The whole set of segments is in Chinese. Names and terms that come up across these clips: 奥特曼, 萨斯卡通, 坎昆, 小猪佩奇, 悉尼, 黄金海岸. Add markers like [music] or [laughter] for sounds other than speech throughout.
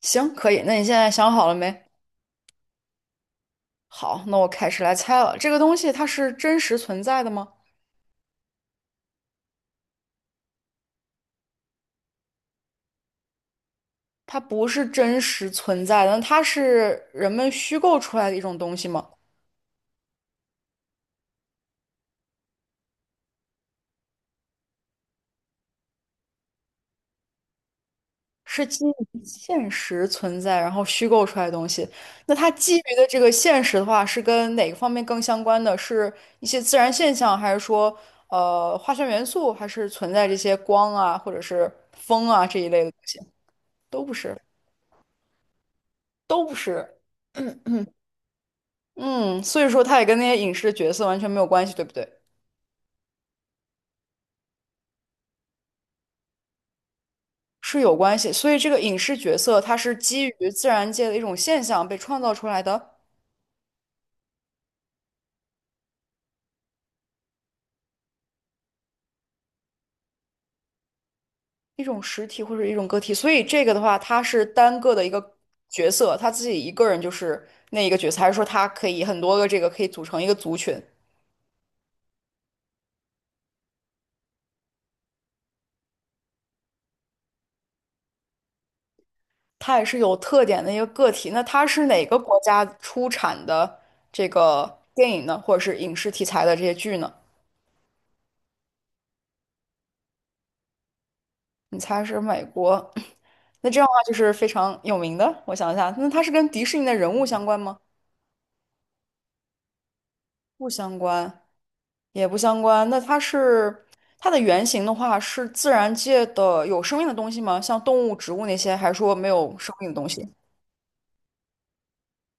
行，可以。那你现在想好了没？好，那我开始来猜了。这个东西它是真实存在的吗？它不是真实存在的，那它是人们虚构出来的一种东西吗？是基于现实存在，然后虚构出来的东西。那它基于的这个现实的话，是跟哪个方面更相关的？是一些自然现象，还是说化学元素，还是存在这些光啊，或者是风啊这一类的东西？都不是，都不是。[clears throat] 嗯，所以说它也跟那些影视角色完全没有关系，对不对？是有关系，所以这个影视角色它是基于自然界的一种现象被创造出来的一种实体或者一种个体，所以这个的话，它是单个的一个角色，他自己一个人就是那一个角色，还是说它可以很多个这个可以组成一个族群？它也是有特点的一个个体。那它是哪个国家出产的这个电影呢，或者是影视题材的这些剧呢？你猜是美国？[laughs] [clears throat] 那这样的话就是非常有名的。我想一下，那它是跟迪士尼的人物相关吗？不相关，也不相关。那它是它的原型的话，是自然界的有生命的东西吗？像动物、植物那些，还是说没有生命的东西？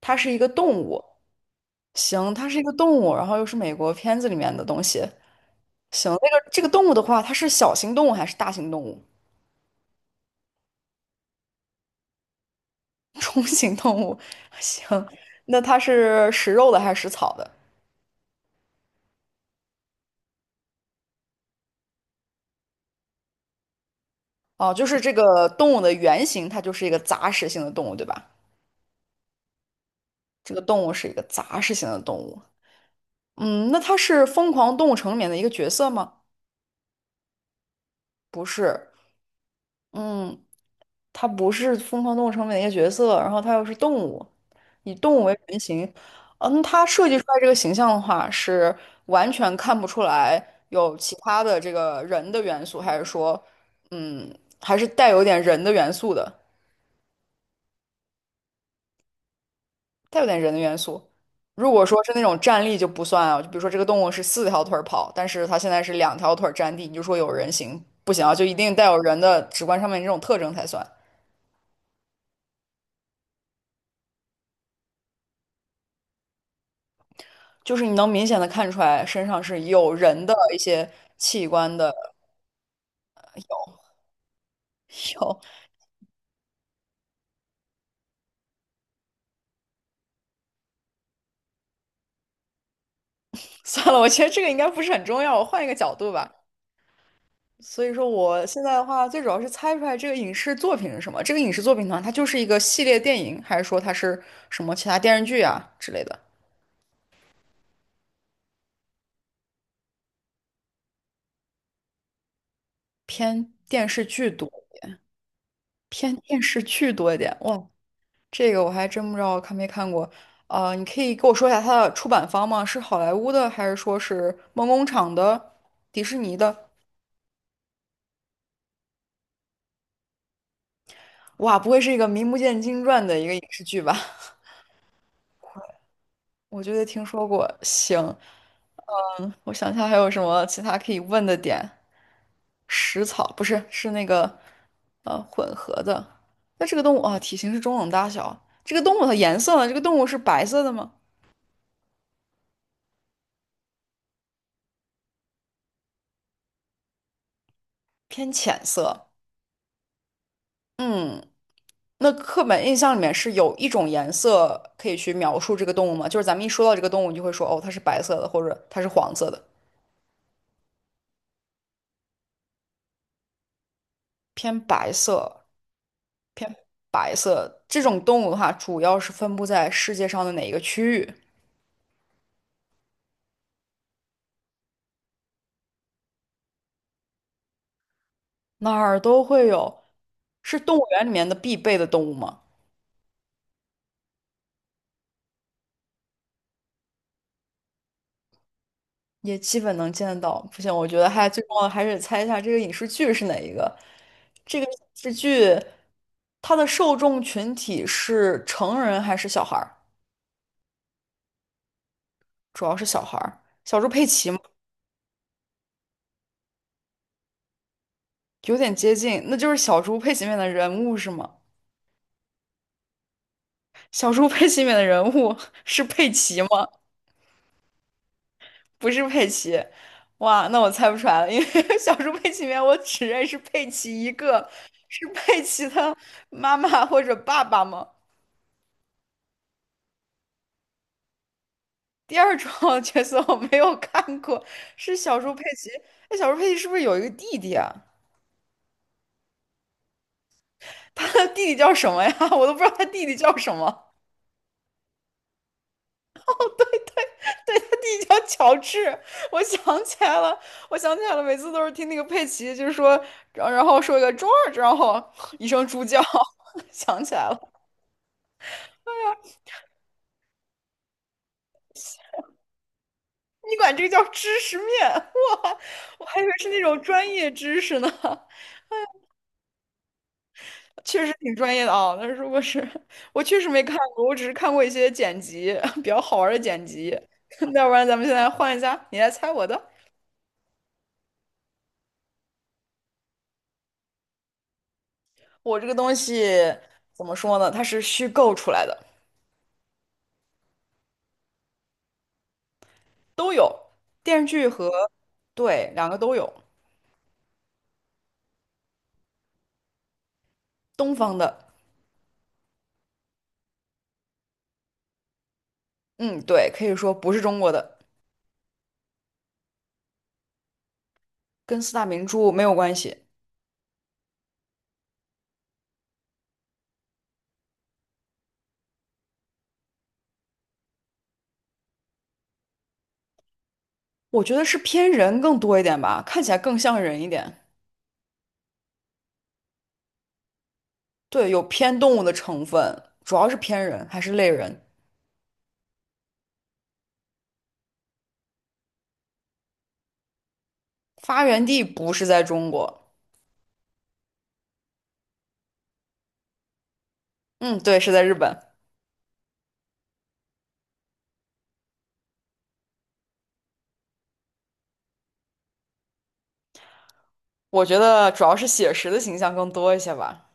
它是一个动物。行，它是一个动物，然后又是美国片子里面的东西。行，那个这个动物的话，它是小型动物还是大型动物？[laughs] 中型动物。[laughs] 行，那它是食肉的还是食草的？哦，就是这个动物的原型，它就是一个杂食性的动物，对吧？这个动物是一个杂食性的动物。嗯，那它是《疯狂动物城》里面的一个角色吗？不是，嗯，它不是《疯狂动物城》里面的一个角色，然后它又是动物，以动物为原型。嗯，它设计出来这个形象的话，是完全看不出来有其他的这个人的元素，还是说，嗯，还是带有点人的元素的？带有点人的元素。如果说是那种站立就不算啊，就比如说这个动物是四条腿儿跑，但是它现在是两条腿儿站地，你就说有人形不行啊，就一定带有人的直观上面这种特征才算。就是你能明显的看出来身上是有人的一些器官的 [laughs] 有。算了，我觉得这个应该不是很重要，我换一个角度吧。所以说，我现在的话，最主要是猜出来这个影视作品是什么。这个影视作品呢，它就是一个系列电影，还是说它是什么其他电视剧啊之类的，偏电视剧多？偏电视剧多一点。哇，这个我还真不知道看没看过。啊、你可以给我说一下它的出版方吗？是好莱坞的，还是说是梦工厂的、迪士尼的？哇，不会是一个名不见经传的一个影视剧吧？[laughs] 我觉得听说过。行，嗯，我想一下还有什么其他可以问的点。食草不是，是那个混合的。那这个动物啊，体型是中等大小。这个动物的颜色呢？这个动物是白色的吗？偏浅色。嗯。那刻板印象里面是有一种颜色可以去描述这个动物吗？就是咱们一说到这个动物，你就会说哦，它是白色的，或者它是黄色的，偏白色，偏白色。这种动物的话，主要是分布在世界上的哪一个区域？哪儿都会有，是动物园里面的必备的动物吗？也基本能见得到。不行，我觉得还最重要的还是猜一下这个影视剧是哪一个。这个影视剧它的受众群体是成人还是小孩儿？主要是小孩儿，小猪佩奇嘛，有点接近，那就是小猪佩奇里面的人物是吗？[laughs] 小猪佩奇里面的人物 [laughs] 是佩奇吗？不是佩奇，哇，那我猜不出来了，因为 [laughs] 小猪佩奇里面我只认识佩奇一个，是佩奇的妈妈或者爸爸吗？第二种 [laughs] 角色我没有看过，是小猪佩奇。那小猪佩奇是不是有一个弟弟啊？他的弟弟叫什么呀？[laughs] 我都不知道他弟弟叫什么。[laughs] 对，他弟弟叫乔治，我想起来了，我想起来了，每次都是听那个佩奇，就是说，然后说一个 g 二 o 然后 [laughs] 一声猪叫，[laughs] 想起来了，你管这个叫知识面？哇，我还以为是那种专业知识呢，确实挺专业的啊。但是如果是我确实没看过，我只是看过一些剪辑，[laughs] 比较好玩的剪辑。[laughs] 要不然咱们现在换一下，你来猜我的，我这个东西怎么说呢？它是虚构出来的。都有，电视剧和对两个都有，东方的，嗯，对，可以说不是中国的，跟四大名著没有关系。我觉得是偏人更多一点吧，看起来更像人一点。对，有偏动物的成分，主要是偏人还是类人。发源地不是在中国，嗯，对，是在日本。我觉得主要是写实的形象更多一些吧。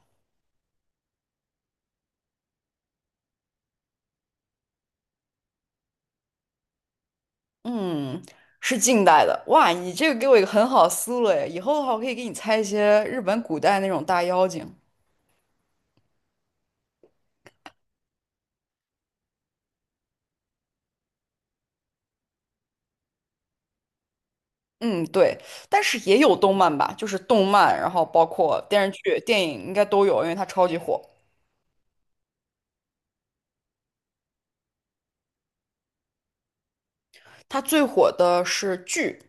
嗯，是近代的。哇，你这个给我一个很好的思路诶，以后的话我可以给你猜一些日本古代那种大妖精。嗯，对，但是也有动漫吧，就是动漫，然后包括电视剧、电影应该都有，因为它超级火。它最火的是剧，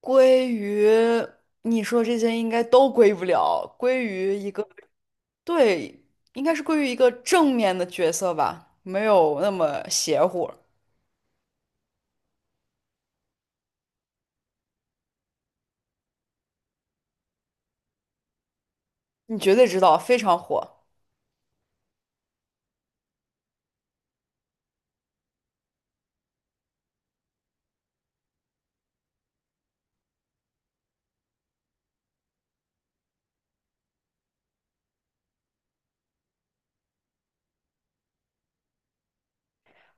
归于你说这些应该都归不了，归于一个，对，应该是归于一个正面的角色吧，没有那么邪乎。你绝对知道，非常火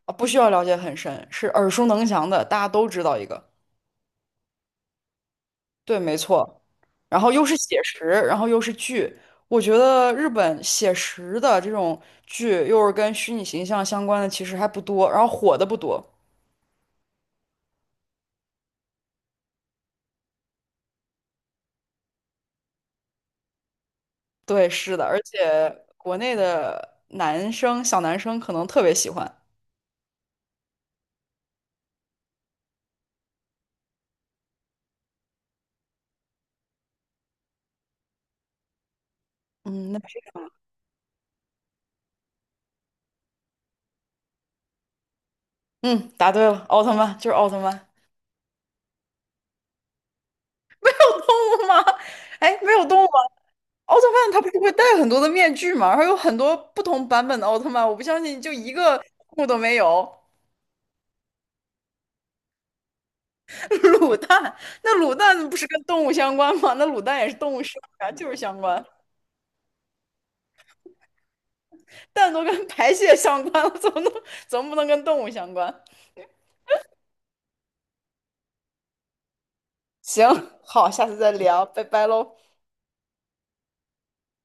啊，不需要了解很深，是耳熟能详的，大家都知道一个。对，没错。然后又是写实，然后又是剧。我觉得日本写实的这种剧，又是跟虚拟形象相关的，其实还不多，然后火的不多。对，是的，而且国内的男生小男生可能特别喜欢。嗯，那嗯，答对了，奥特曼就是奥特曼。[laughs] 有动物吗？哎，没有动物吗？奥特曼他不是会戴很多的面具吗？然后有很多不同版本的奥特曼，我不相信就一个动物都没有。[laughs] 卤蛋，那卤蛋不是跟动物相关吗？那卤蛋也是动物生的啊，就是相关。蛋都跟排泄相关了，怎么不能跟动物相关？行，好，下次再聊，拜拜喽。